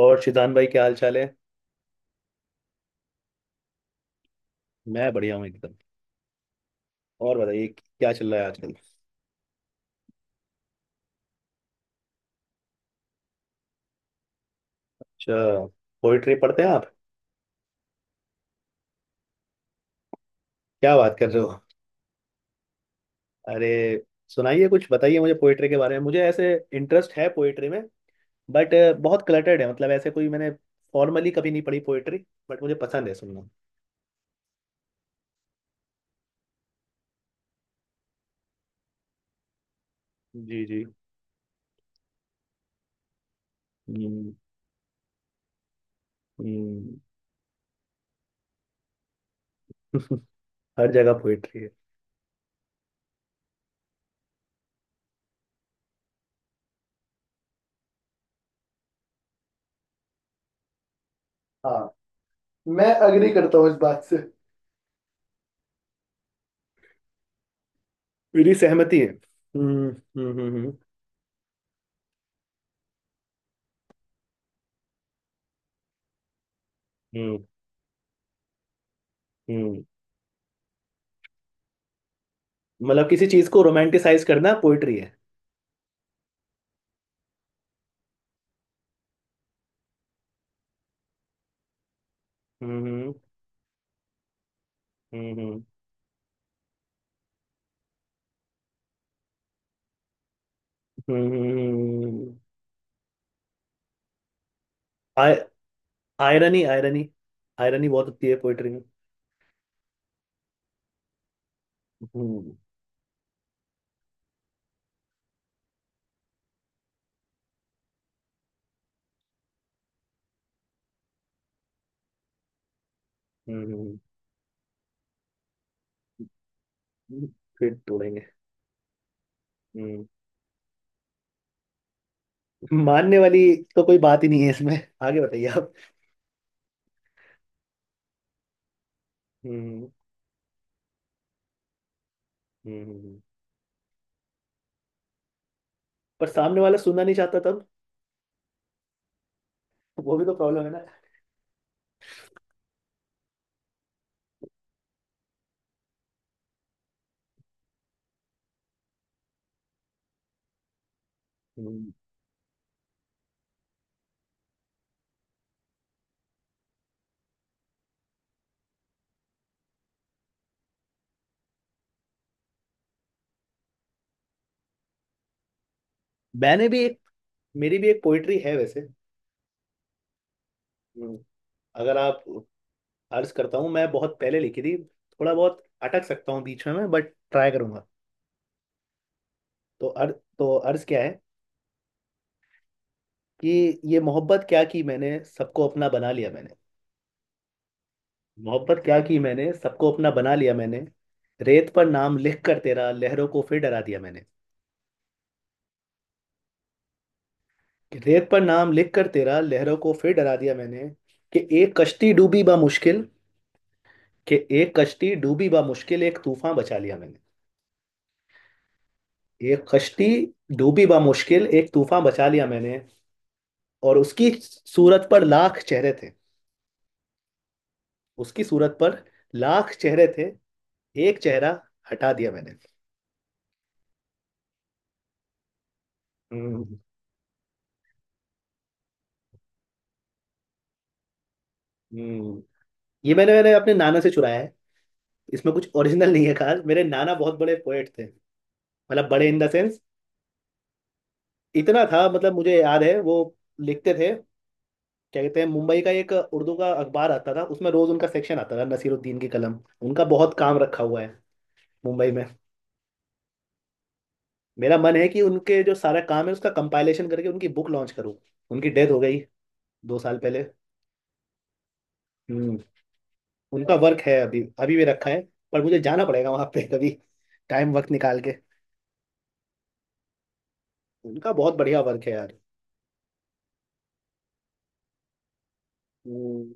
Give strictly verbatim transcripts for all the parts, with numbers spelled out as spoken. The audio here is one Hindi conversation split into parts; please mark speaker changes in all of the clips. Speaker 1: और शिजान भाई क्या हाल चाल है। मैं बढ़िया हूँ एकदम। और बताइए क्या चल रहा है आजकल। अच्छा, पोइट्री पढ़ते हैं आप? क्या बात कर रहे हो! अरे सुनाइए, कुछ बताइए मुझे पोइट्री के बारे में, मुझे ऐसे इंटरेस्ट है पोइट्री में। बट बहुत क्लटर्ड है, मतलब ऐसे कोई मैंने फॉर्मली कभी नहीं पढ़ी पोइट्री, बट मुझे पसंद है सुनना। जी जी। हम्म, हम्म। हर जगह पोइट्री है। हाँ। मैं अग्री करता हूँ इस बात से, मेरी सहमति है। हम्म हम्म हम्म हम्म। हम्म, हम्म। मतलब किसी चीज को रोमांटिसाइज करना पोइट्री है। हम्म हम्म हम्म। आयरनी, आयरनी, आयरनी बहुत होती है पोइट्री में। हम्म। हम्म फिर तोड़ेंगे। हम्म मानने वाली, तो कोई बात ही नहीं है इसमें। आगे बताइए आप। हम्म हम्म। पर सामने वाला सुनना नहीं चाहता तब, वो भी तो प्रॉब्लम है ना। हम्म, मैंने भी एक, मेरी भी एक पोइट्री है वैसे। हम्म, अगर आप, अर्ज करता हूँ, मैं बहुत पहले लिखी थी, थोड़ा बहुत अटक सकता हूँ बीच में मैं, बट ट्राई करूंगा। तो अर्ज तो अर्ज क्या है कि, ये मोहब्बत क्या की मैंने, सबको अपना बना लिया मैंने। मोहब्बत क्या की मैंने, सबको अपना बना लिया मैंने। रेत पर नाम लिख कर तेरा, लहरों को फिर डरा दिया मैंने। कि रेत पर नाम लिख कर तेरा, लहरों को फिर डरा दिया मैंने। कि एक कश्ती डूबी बा मुश्किल, कि एक कश्ती डूबी बा मुश्किल, एक तूफान बचा लिया मैंने। एक कश्ती डूबी बा मुश्किल, एक तूफान बचा लिया मैंने। और उसकी सूरत पर लाख चेहरे थे, उसकी सूरत पर लाख चेहरे थे, एक चेहरा हटा दिया मैंने। हम्म। हम्म, ये मैंने मैंने अपने नाना से चुराया है। इसमें कुछ ओरिजिनल नहीं है खास, मेरे नाना बहुत बड़े पोएट थे। मतलब बड़े इन द सेंस, इतना था मतलब मुझे याद है वो लिखते थे। क्या कहते हैं, मुंबई का एक उर्दू का अखबार आता था, उसमें रोज उनका सेक्शन आता था, नसीरुद्दीन की कलम। उनका बहुत काम रखा हुआ है मुंबई में। मेरा मन है कि उनके जो सारा काम है उसका कंपाइलेशन करके उनकी बुक लॉन्च करूँ। उनकी डेथ हो गई दो साल पहले। हम्म। उनका वर्क है, अभी अभी भी रखा है। पर मुझे जाना पड़ेगा वहां पे कभी, टाइम वक्त निकाल के। उनका बहुत बढ़िया वर्क है यार। हम्म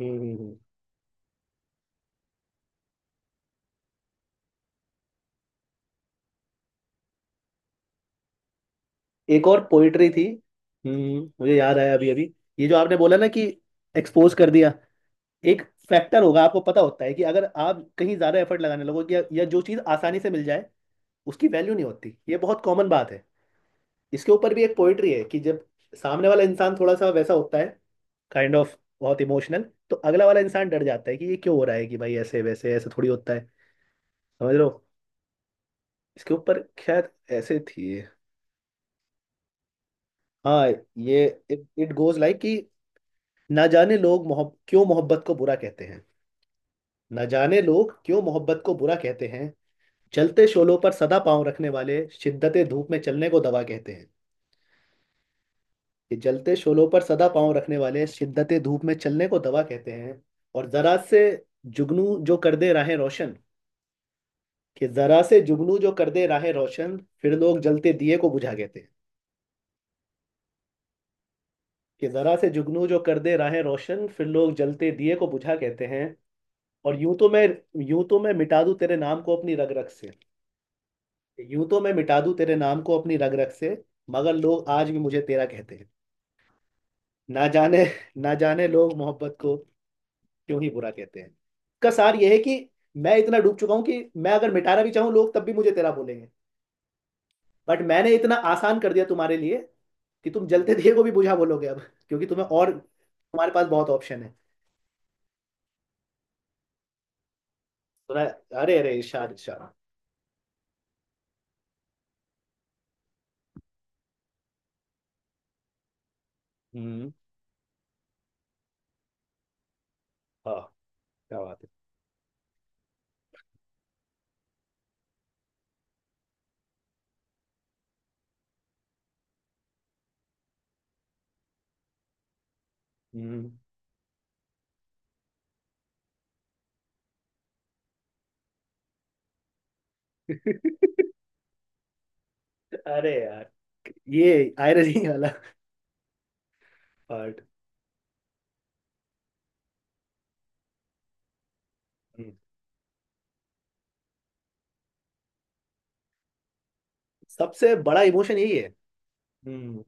Speaker 1: हम्म हम्म, हम्म। एक और पोइट्री थी। हम्म हम्म, मुझे याद आया अभी अभी। ये जो आपने बोला ना कि एक्सपोज कर दिया, एक फैक्टर होगा, आपको पता होता है कि अगर आप कहीं ज्यादा एफर्ट लगाने लगोगे या, या जो चीज आसानी से मिल जाए उसकी वैल्यू नहीं होती, ये बहुत कॉमन बात है। इसके ऊपर भी एक पोइट्री है कि जब सामने वाला इंसान थोड़ा सा वैसा होता है, काइंड ऑफ बहुत इमोशनल, तो अगला वाला इंसान डर जाता है कि ये क्यों हो रहा है, कि भाई ऐसे वैसे ऐसे थोड़ी होता है, समझ लो। इसके ऊपर खैर, ऐसे थी। हाँ, ये इट गोज लाइक कि, ना जाने लोग मोहब क्यों मोहब्बत को बुरा कहते हैं। ना जाने लोग क्यों मोहब्बत को बुरा कहते हैं। जलते शोलों पर सदा पाँव रखने वाले, शिद्दत धूप में चलने को दवा कहते हैं। कि जलते शोलों पर सदा पाँव रखने वाले, शिद्दत धूप में चलने को दवा कहते हैं। और जरा से जुगनू जो कर दे राहें रोशन, कि जरा से जुगनू जो कर दे राहें रोशन, फिर लोग जलते दिए को बुझा कहते हैं। कि जरा से जुगनू जो कर दे राहें रोशन, फिर लोग जलते दिए को बुझा कहते हैं। और यूं तो मैं, यूं तो मैं मिटा दूं तेरे नाम को अपनी रग रग से, यूं तो मैं मिटा दूं तेरे नाम को अपनी रग रग से, मगर लोग आज भी मुझे तेरा कहते हैं। ना जाने, ना जाने लोग मोहब्बत को क्यों ही बुरा कहते हैं। इसका सार यह है कि मैं इतना डूब चुका हूं कि मैं अगर मिटाना भी चाहूं लोग तब भी मुझे तेरा बोलेंगे। बट मैंने इतना आसान कर दिया तुम्हारे लिए कि तुम जलते दिए को भी बुझा बोलोगे अब, क्योंकि तुम्हें और तुम्हारे पास बहुत ऑप्शन है। सुना। अरे अरे इरशाद इरशाद। हम्म। हाँ, क्या बात है। हम्म। अरे यार, ये आयरनी वाला पार्ट, सबसे बड़ा इमोशन यही है। हम्म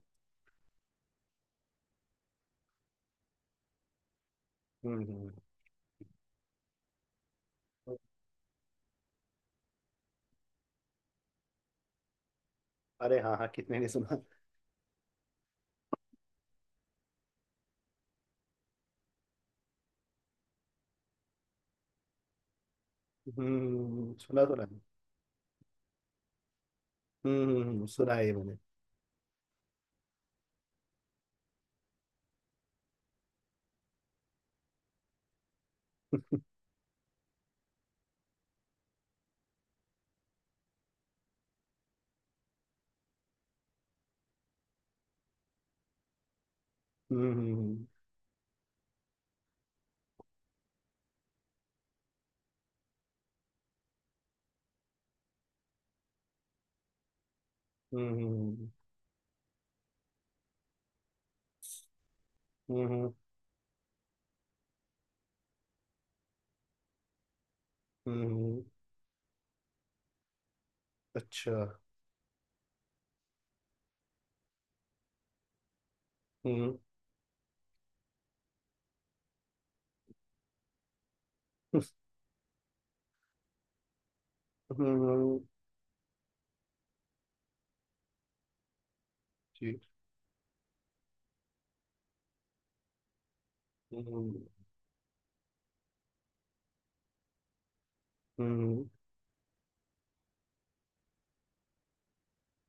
Speaker 1: हम्म हम्म। अरे हाँ हाँ, कितने ने सुना। हम्म, सुना सुना। हम्म हम्म, सुना है ये मैंने। हम्म हम्म हम्म हम्म। हम्म, हम्म, अच्छा। हम्म हम्म। ठीक। हम्म हम्म,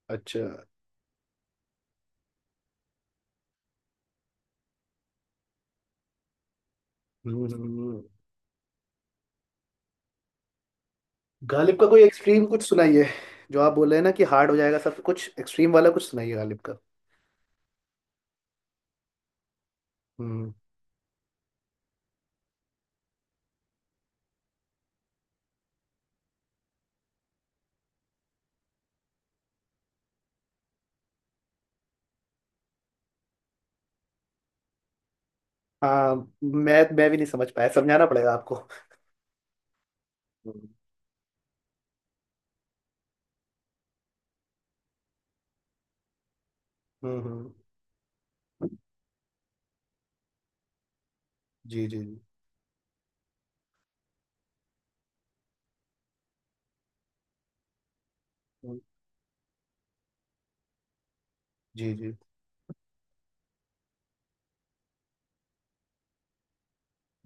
Speaker 1: अच्छा। हम्म। गालिब का कोई एक्सट्रीम कुछ सुनाइए। जो आप बोल रहे हैं ना कि हार्ड हो जाएगा सब कुछ, एक्सट्रीम वाला कुछ सुनाइए गालिब का। हम्म। हाँ, मैं मैं भी नहीं समझ पाया, समझाना पड़ेगा आपको। हम्म हम्म। जी जी जी। हम्म, जी जी।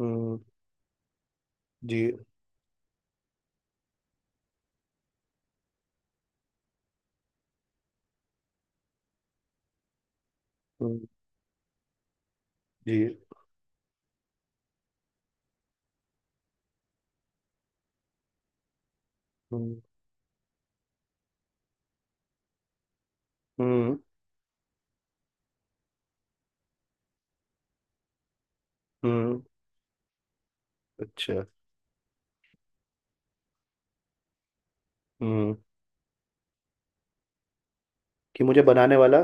Speaker 1: हम्म। जी। हम्म। जी। हम्म हम्म हम्म, अच्छा। हम्म, कि मुझे बनाने वाला।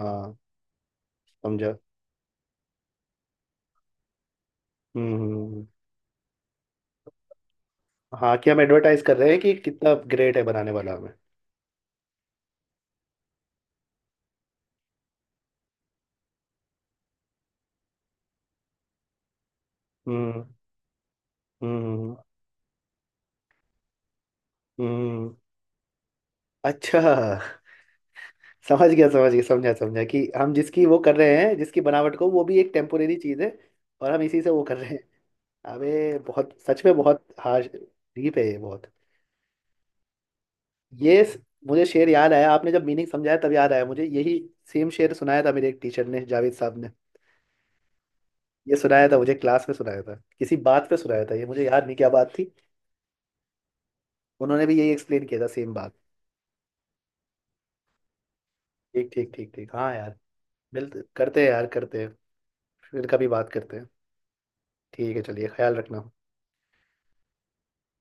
Speaker 1: हाँ। समझा। हम्म। हाँ, कि हम एडवर्टाइज कर रहे हैं कि कितना ग्रेट है बनाने वाला हमें। हम्म हम्म। हम्म। अच्छा। समझ गया समझ गया, समझा समझा, कि हम जिसकी वो कर रहे हैं, जिसकी बनावट को, वो भी एक टेम्पोरेरी चीज़ है। और हम इसी से वो कर रहे हैं। अबे बहुत, सच में बहुत हार्श, डीप है ये बहुत। ये स-, मुझे शेर याद आया, आपने जब मीनिंग समझाया तब याद आया मुझे यही सेम शेर, सुनाया था मेरे एक टीचर ने, जावेद साहब ने। ये सुनाया था मुझे क्लास में, सुनाया था किसी बात पे, सुनाया था, ये मुझे याद नहीं क्या बात थी। उन्होंने भी यही एक्सप्लेन किया था सेम बात। ठीक ठीक ठीक ठीक, हाँ यार। मिलते करते हैं यार, करते हैं, फिर कभी बात करते हैं। ठीक है, चलिए, ख्याल रखना।